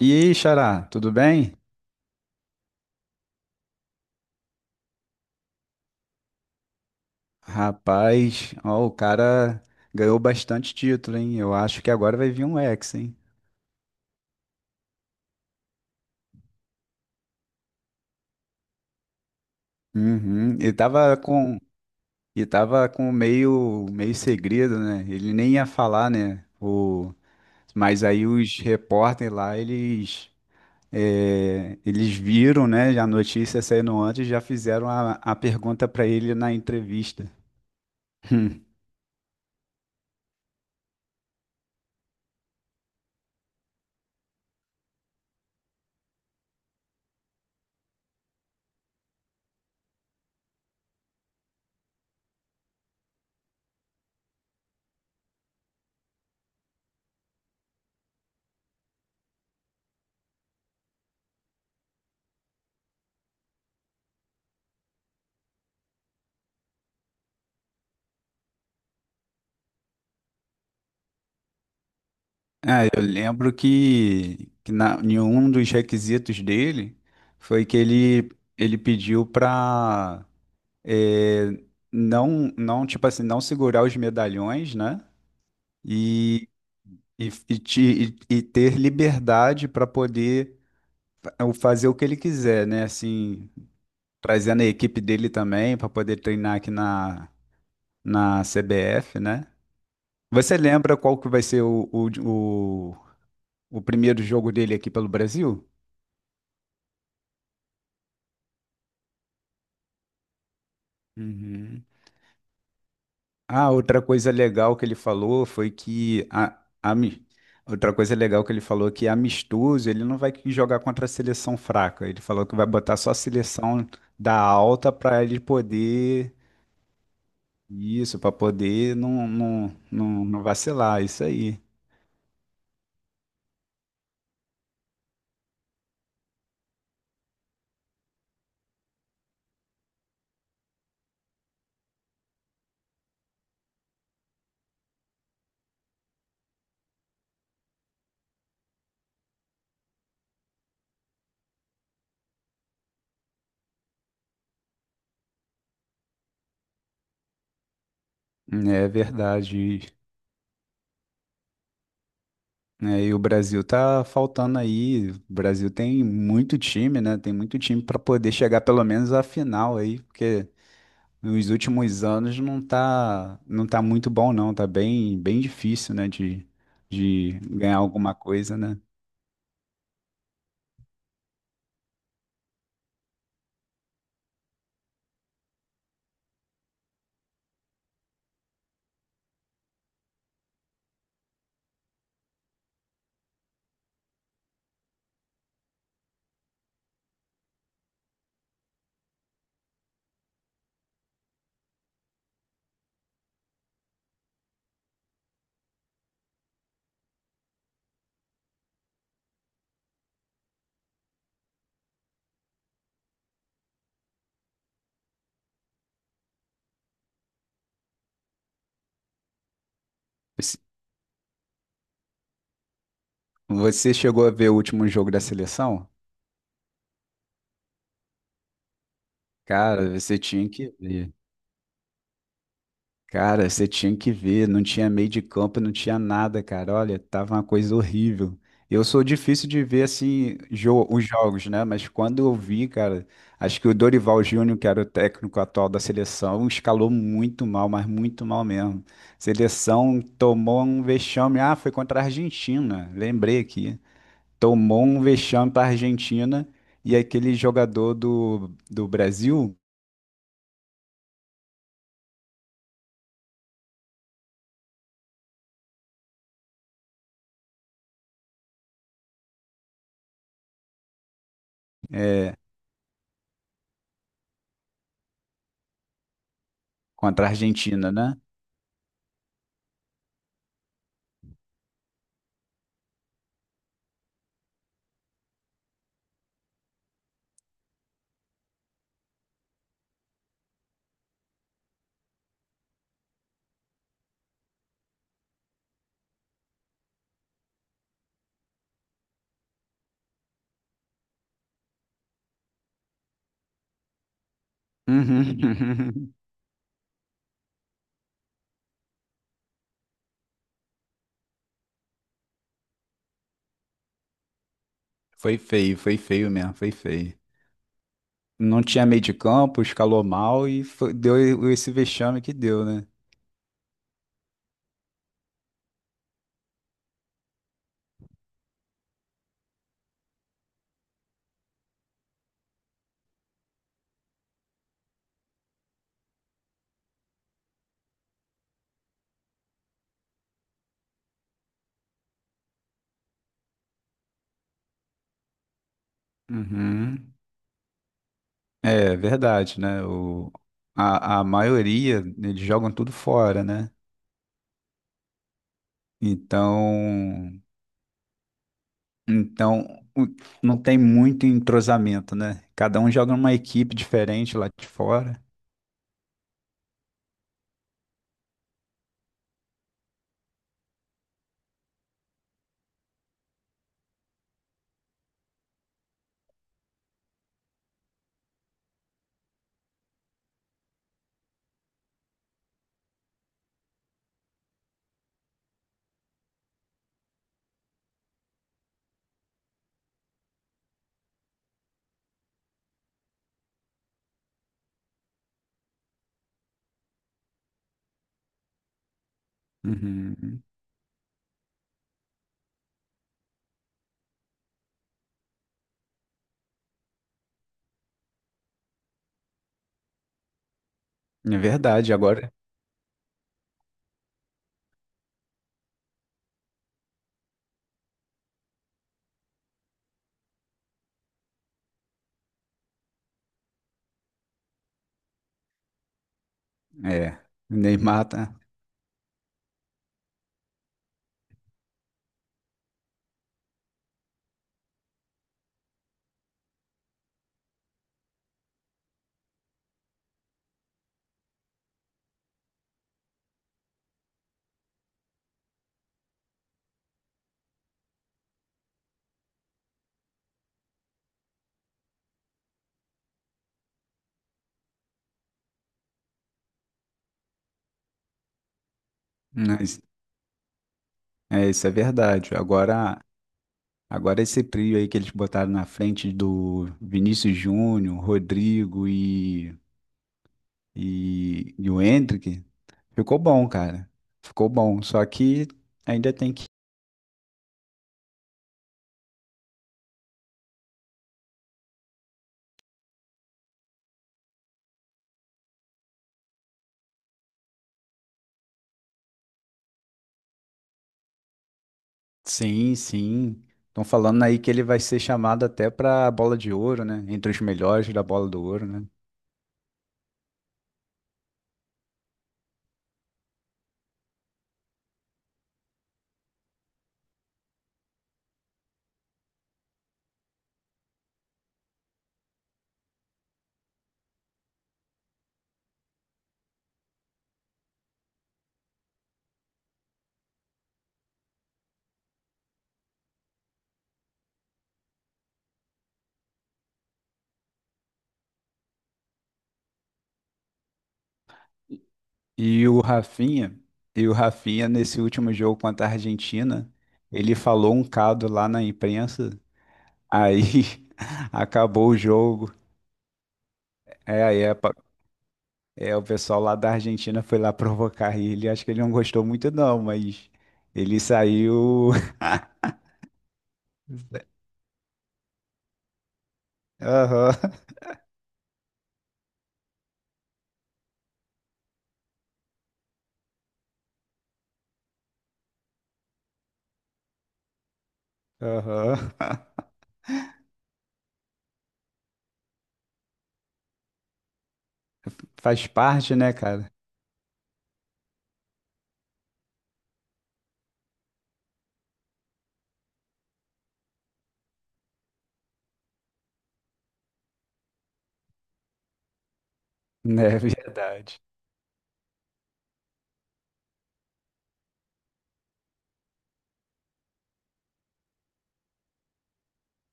E aí, Xará, tudo bem? Rapaz, ó, o cara ganhou bastante título, hein? Eu acho que agora vai vir um ex, hein? Uhum. E tava com meio segredo, né? Ele nem ia falar, né? O, mas aí os repórteres lá, eles, eles viram, né? A notícia saindo antes, já fizeram a pergunta pra ele na entrevista. Ah, eu lembro que na, em um dos requisitos dele foi que ele pediu para não, tipo assim, não segurar os medalhões, né? E, e, e, te- e ter liberdade para poder pa- fazer o que ele quiser, né? Assim, trazendo a equipe dele também para poder treinar aqui na CBF, né? Você lembra qual que vai ser o, o primeiro jogo dele aqui pelo Brasil? Uhum. Ah, outra coisa legal que ele falou foi que outra coisa legal que ele falou que amistoso, ele não vai que jogar contra a seleção fraca. Ele falou que vai botar só a seleção da alta para ele poder isso, para poder não vacilar, isso aí. É verdade. É, e o Brasil tá faltando aí. O Brasil tem muito time, né? Tem muito time para poder chegar pelo menos à final aí, porque nos últimos anos não tá muito bom, não. Tá bem difícil, né, de ganhar alguma coisa, né? Você você chegou a ver o último jogo da seleção? Cara, você tinha que ver. Cara, você tinha que ver, não tinha meio de campo, não tinha nada, cara. Olha, tava uma coisa horrível. Eu sou difícil de ver assim os jogos, né? Mas quando eu vi, cara, acho que o Dorival Júnior, que era o técnico atual da seleção, escalou muito mal, mas muito mal mesmo. Seleção tomou um vexame. Ah, foi contra a Argentina, lembrei aqui. Tomou um vexame para a Argentina e aquele jogador do Brasil é, contra a Argentina, né? Uhum. Foi feio mesmo, foi feio. Não tinha meio de campo, escalou mal e deu esse vexame que deu, né? Uhum. É verdade, né? O, a maioria, eles jogam tudo fora, né? Então, então o- não tem muito entrosamento, né? Cada um joga numa equipe diferente lá de fora. Uhum. É verdade, agora é. O Neymar tá. Mas, é, isso é verdade. Agora esse trio aí que eles botaram na frente do Vinícius Júnior, Rodrigo e o Hendrick, ficou bom, cara. Ficou bom. Só que ainda tem que. Sim, sim. Estão falando aí que ele vai ser chamado até pra bola de ouro, né? Entre os melhores da bola do ouro, né? E o Rafinha, e o Rafinha nesse último jogo contra a Argentina, ele falou um cado lá na imprensa, aí acabou o jogo. É, aí é, É, o pessoal lá da Argentina foi lá provocar ele. Acho que ele não gostou muito, não, mas ele saiu. Aham, aham. Faz parte, né, cara? É verdade.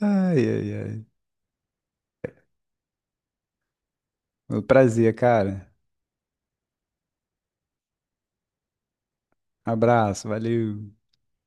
Ai, ai, ai. Foi um prazer, cara. Abraço, valeu.